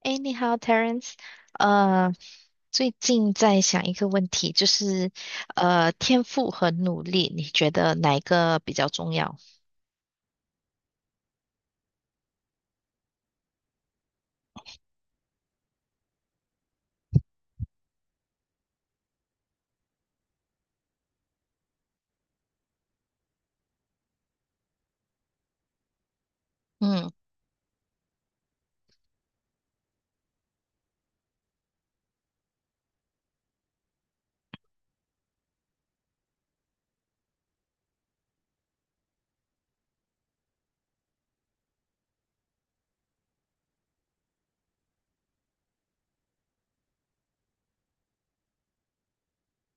哎，你好，Terence。呃，最近在想一个问题，就是天赋和努力，你觉得哪一个比较重要？嗯，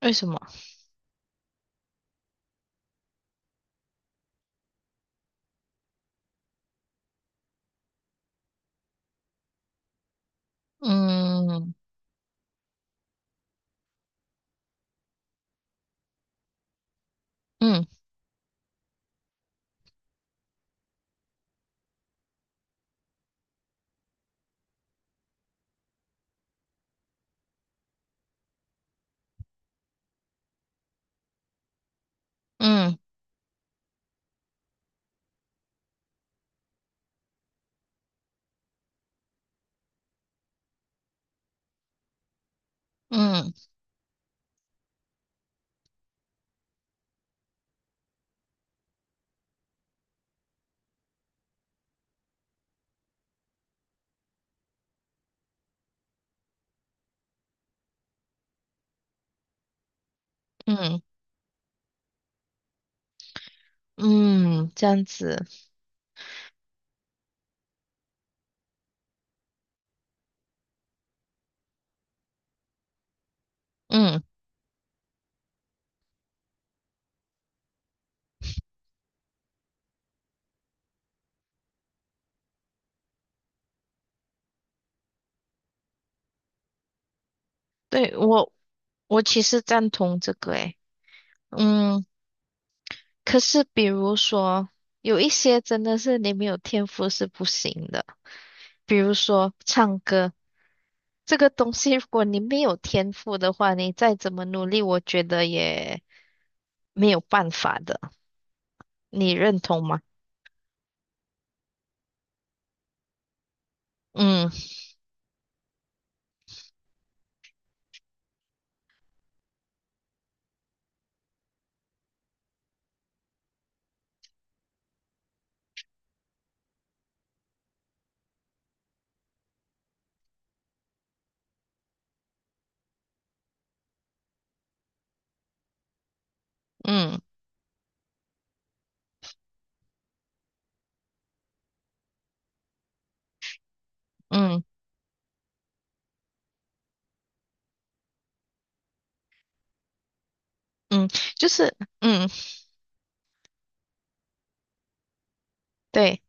为什么？嗯嗯嗯嗯嗯嗯，这样子。嗯，对，我其实赞同这个诶。嗯，可是比如说有一些真的是你没有天赋是不行的，比如说唱歌。这个东西，如果你没有天赋的话，你再怎么努力，我觉得也没有办法的。你认同吗？嗯嗯嗯嗯，就是嗯，对，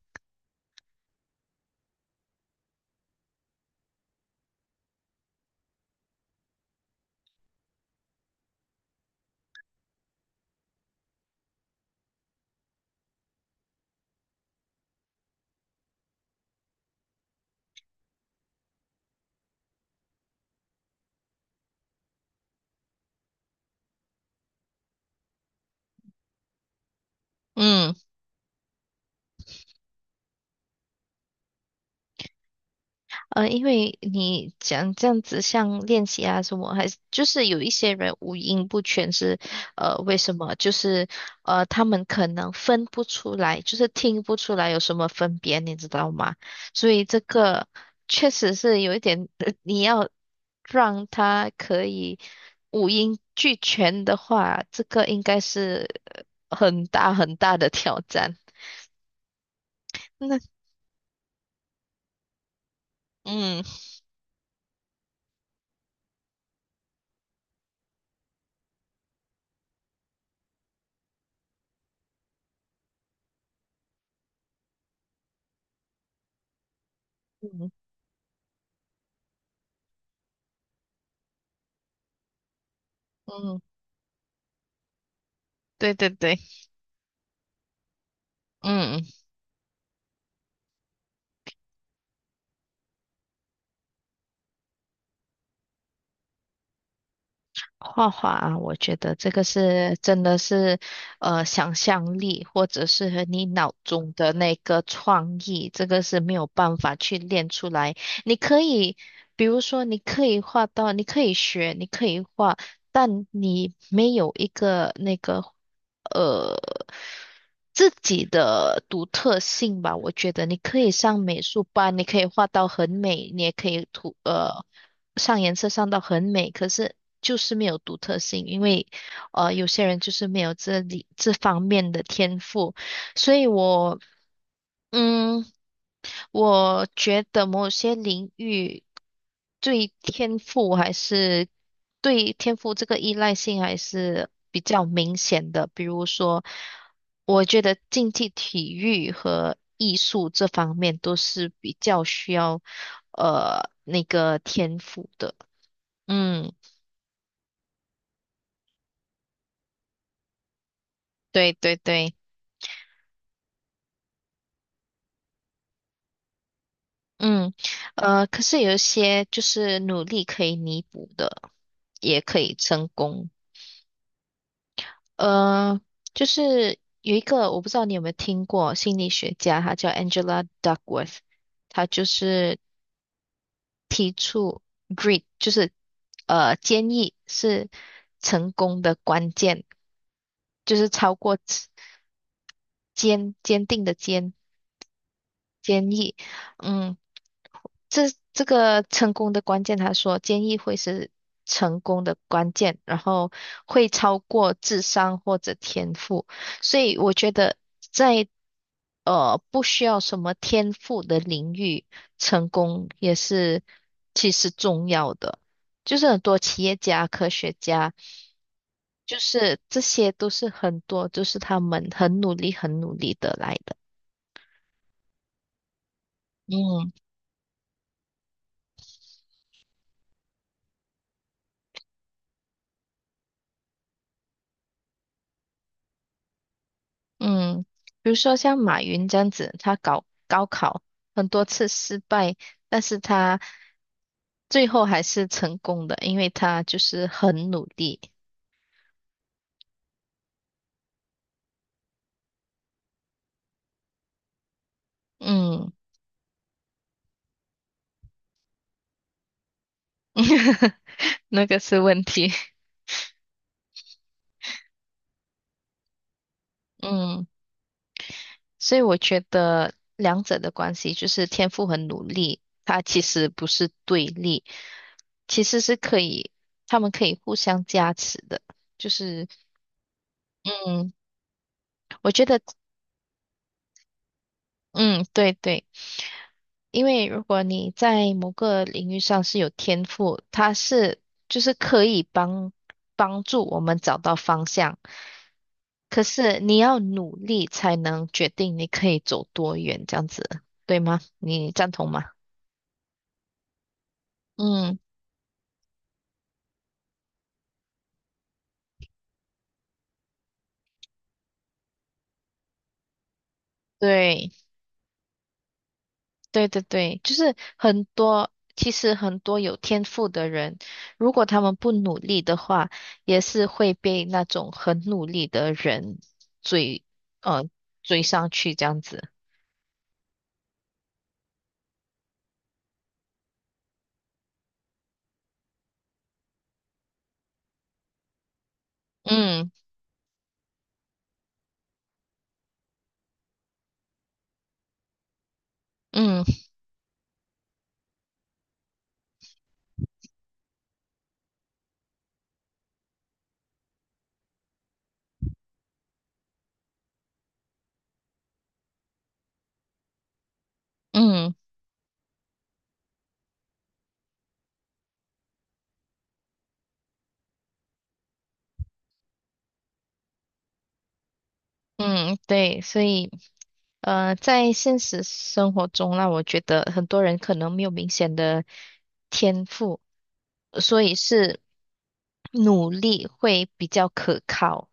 嗯。因为你讲这样子，像练习啊什么，还是就是有一些人五音不全是，呃，为什么？就是他们可能分不出来，就是听不出来有什么分别，你知道吗？所以这个确实是有一点，你要让他可以五音俱全的话，这个应该是很大很大的挑战。那嗯嗯嗯，对对对，嗯。画画啊，我觉得这个是真的是，呃，想象力或者是和你脑中的那个创意，这个是没有办法去练出来。你可以，比如说，你可以画到，你可以学，你可以画，但你没有一个那个。呃自己的独特性吧。我觉得你可以上美术班，你可以画到很美，你也可以涂上颜色上到很美，可是就是没有独特性，因为有些人就是没有这里这方面的天赋，所以我。嗯，我觉得某些领域对天赋还是对天赋这个依赖性还是比较明显的。比如说，我觉得竞技体育和艺术这方面都是比较需要那个天赋的。嗯，对对对，嗯，呃，可是有一些就是努力可以弥补的，也可以成功。呃，就是有一个我不知道你有没有听过心理学家，他叫 Angela Duckworth，她就是提出 grit，就是坚毅是成功的关键，就是超过坚坚定的坚坚毅，嗯，这这个成功的关键，他说坚毅会是成功的关键，然后会超过智商或者天赋，所以我觉得在不需要什么天赋的领域，成功也是其实重要的。就是很多企业家、科学家，就是这些都是很多，就是他们很努力、很努力得来的。嗯。嗯，比如说像马云这样子，他搞高考很多次失败，但是他最后还是成功的，因为他就是很努力。嗯，那个是问题。嗯，所以我觉得两者的关系就是天赋和努力，它其实不是对立，其实是可以，他们可以互相加持的。就是，嗯，我觉得，嗯，对对。因为如果你在某个领域上是有天赋，它是就是可以帮助我们找到方向。可是你要努力才能决定你可以走多远，这样子，对吗？你赞同吗？嗯，对，对对对，就是很多，其实很多有天赋的人，如果他们不努力的话，也是会被那种很努力的人追，呃，追上去这样子。嗯嗯嗯嗯，对，所以在现实生活中啦，我觉得很多人可能没有明显的天赋，所以是努力会比较可靠。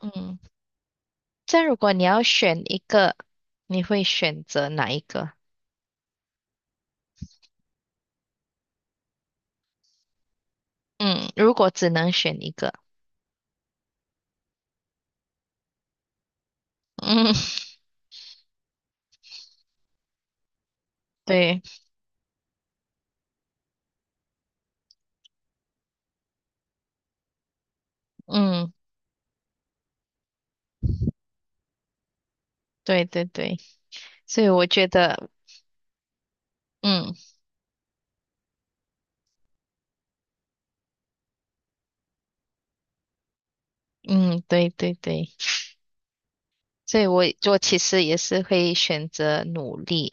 嗯，这样如果你要选一个，你会选择哪一个？嗯，如果只能选一个，嗯，对，嗯，对对对，所以我觉得，嗯嗯，对对对，所以我其实也是会选择努力。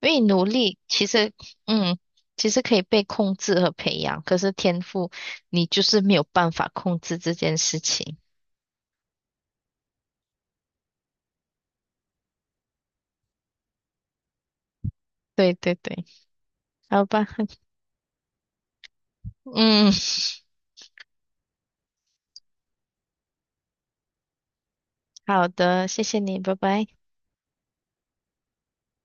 因为努力其实，嗯，其实可以被控制和培养，可是天赋你就是没有办法控制这件事情。对对对，好吧，嗯，好的，谢谢你，拜拜。